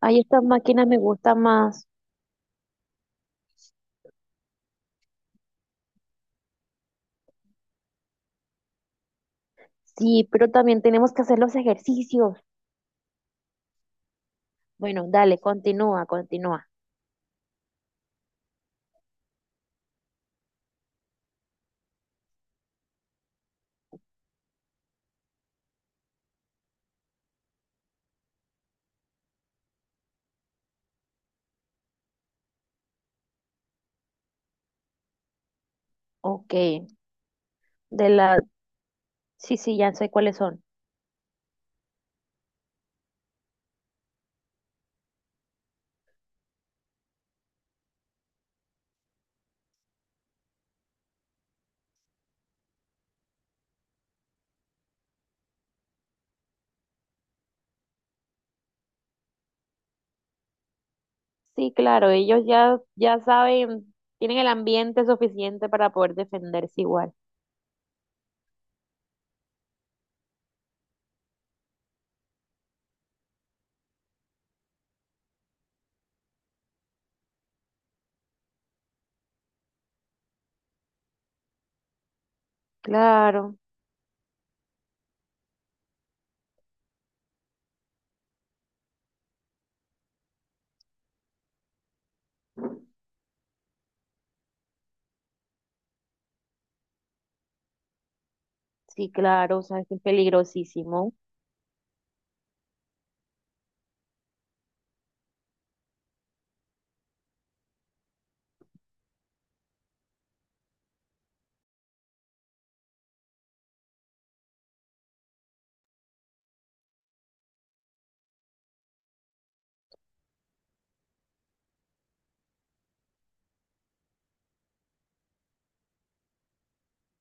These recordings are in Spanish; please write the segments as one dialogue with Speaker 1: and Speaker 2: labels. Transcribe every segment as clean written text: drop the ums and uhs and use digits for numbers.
Speaker 1: Ay, estas máquinas me gustan más. Sí, pero también tenemos que hacer los ejercicios. Bueno, dale, continúa. Ok, de la... Sí, sí, ya sé cuáles son. Sí, claro, ellos ya, ya saben, tienen el ambiente suficiente para poder defenderse igual. Claro, sí, claro, o sea, es que es peligrosísimo.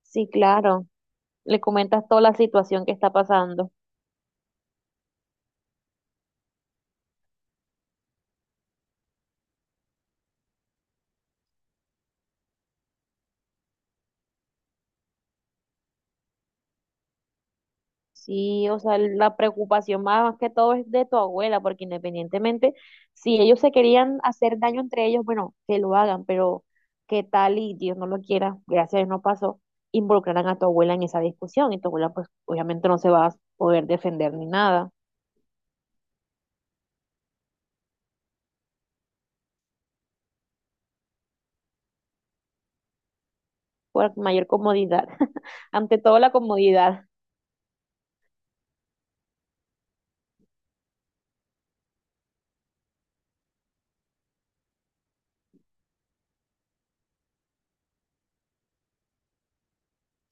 Speaker 1: Sí, claro. Le comentas toda la situación que está pasando. Sí, o sea, la preocupación más, más que todo es de tu abuela, porque independientemente, si ellos se querían hacer daño entre ellos, bueno, que lo hagan, pero qué tal y Dios no lo quiera, gracias a Dios no pasó, involucrarán a tu abuela en esa discusión y tu abuela pues obviamente no se va a poder defender ni nada, por mayor comodidad, ante todo la comodidad.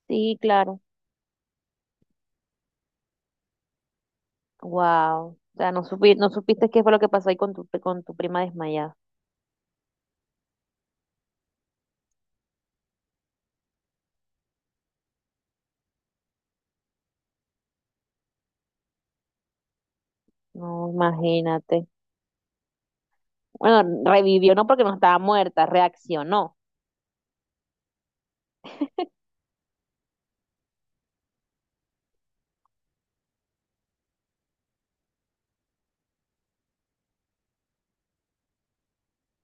Speaker 1: Sí, claro, wow, o sea, no supiste qué fue lo que pasó ahí con tu prima desmayada, no, imagínate. Bueno, revivió no porque no estaba muerta, reaccionó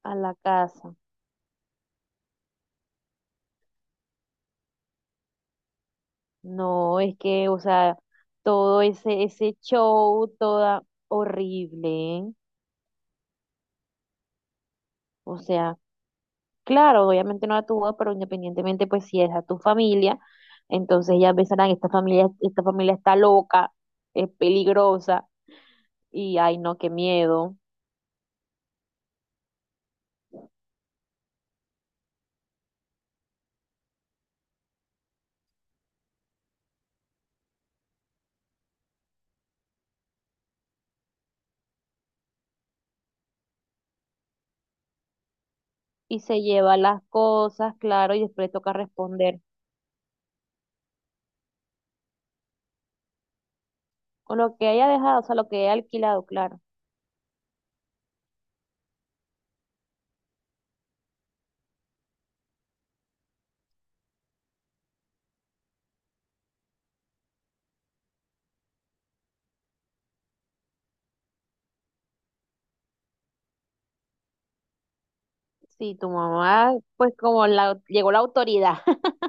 Speaker 1: a la casa. No, es que, o sea, todo ese, ese show, toda horrible. ¿Eh? O sea, claro, obviamente no la tuvo, pero independientemente, pues si es a tu familia, entonces ya pensarán, esta familia está loca, es peligrosa, y ay no, qué miedo. Y se lleva las cosas, claro, y después le toca responder con lo que haya dejado, o sea, lo que haya alquilado, claro. Sí, tu mamá, pues como la, llegó la autoridad.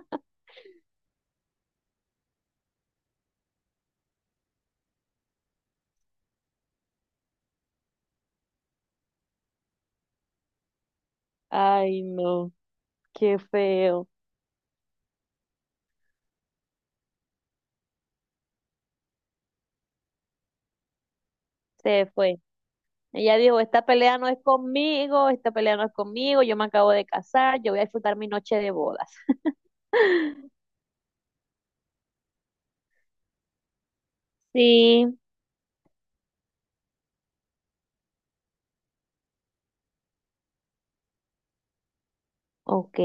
Speaker 1: Ay, no, qué feo. Se fue. Ella dijo, esta pelea no es conmigo, esta pelea no es conmigo, yo me acabo de casar, yo voy a disfrutar mi noche de bodas. Sí, ok,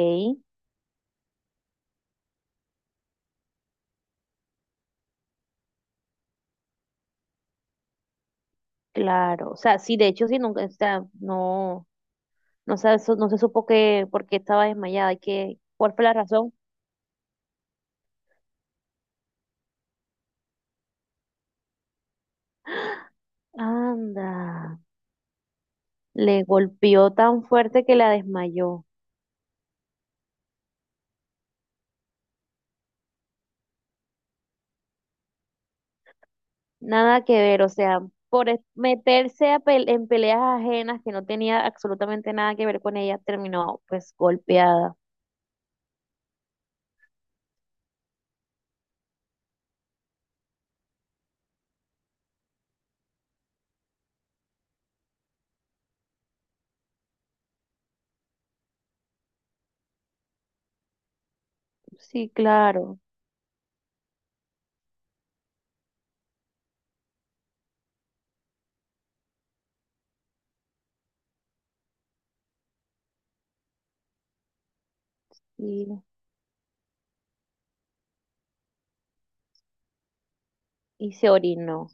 Speaker 1: claro. O sea, sí, de hecho, sí, nunca, o sea, no, no se, so, no se supo que, por qué estaba desmayada y que, ¿cuál fue la razón? Anda, le golpeó tan fuerte que la desmayó. Nada que ver, o sea, meterse a en peleas ajenas que no tenía absolutamente nada que ver con ella, terminó pues golpeada. Sí, claro, y, y se orinó.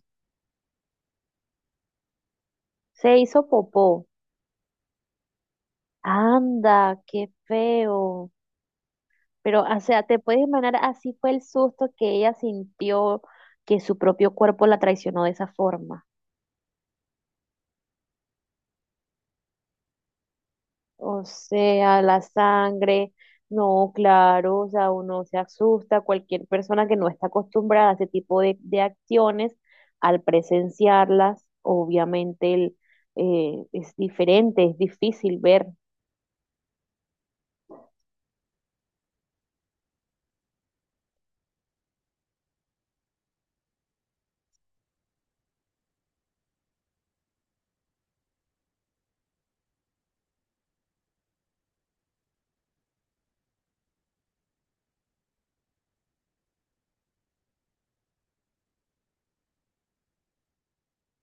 Speaker 1: Se hizo popó. Anda, qué feo. Pero, o sea, te puedes imaginar, así fue el susto que ella sintió que su propio cuerpo la traicionó de esa forma. O sea, la sangre, no, claro, o sea, uno se asusta, cualquier persona que no está acostumbrada a ese tipo de acciones, al presenciarlas, obviamente el, es diferente, es difícil ver, o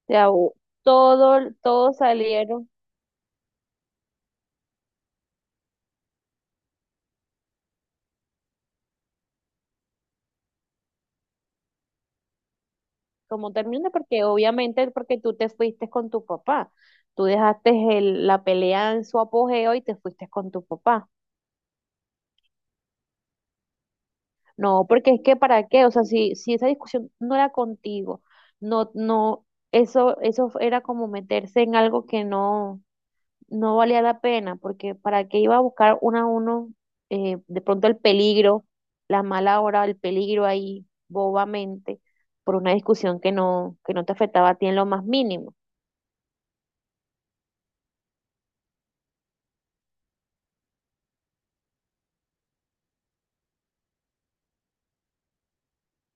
Speaker 1: sea, todo, todos salieron como termina, porque obviamente porque tú te fuiste con tu papá, tú dejaste la pelea en su apogeo y te fuiste con tu papá. No, porque es que para qué, o sea, si, si esa discusión no era contigo, no, no, eso era como meterse en algo que no, no valía la pena, porque para qué iba a buscar uno a uno, de pronto el peligro, la mala hora, el peligro ahí bobamente, por una discusión que no te afectaba a ti en lo más mínimo.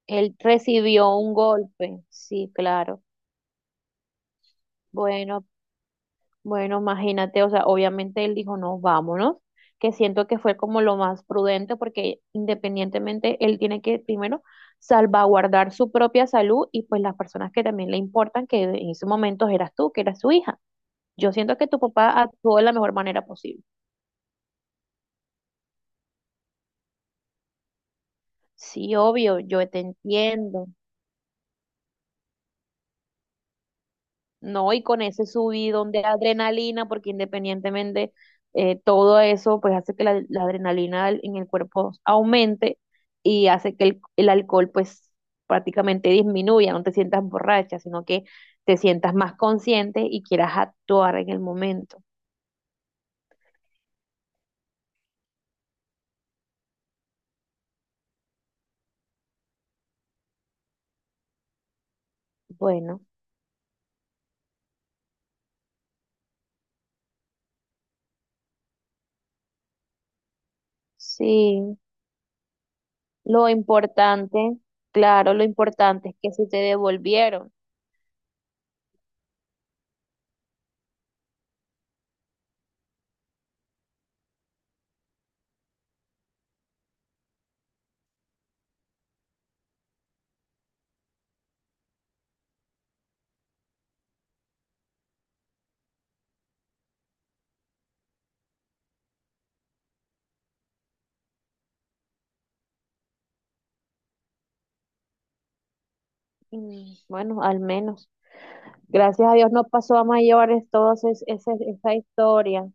Speaker 1: Él recibió un golpe, sí, claro. Bueno, Bueno, imagínate, o sea, obviamente él dijo, no, vámonos, que siento que fue como lo más prudente porque independientemente él tiene que primero salvaguardar su propia salud y pues las personas que también le importan, que en ese momento eras tú, que eras su hija. Yo siento que tu papá actuó de la mejor manera posible. Sí, obvio, yo te entiendo. No, y con ese subidón de adrenalina, porque independientemente todo eso, pues hace que la adrenalina en el cuerpo aumente y hace que el alcohol pues prácticamente disminuya, no te sientas borracha, sino que te sientas más consciente y quieras actuar en el momento. Bueno, sí, lo importante, claro, lo importante es que si te devolvieron, mm, bueno, al menos. Gracias a Dios no pasó a mayores toda esa historia.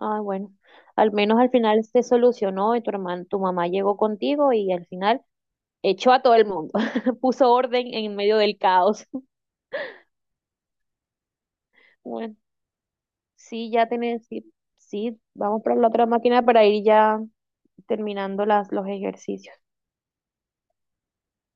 Speaker 1: Ah, bueno, al menos al final se solucionó y tu hermano, tu mamá llegó contigo y al final echó a todo el mundo, puso orden en medio del caos. Bueno, sí, ya tenés, sí, sí, vamos para la otra máquina para ir ya terminando las, los ejercicios.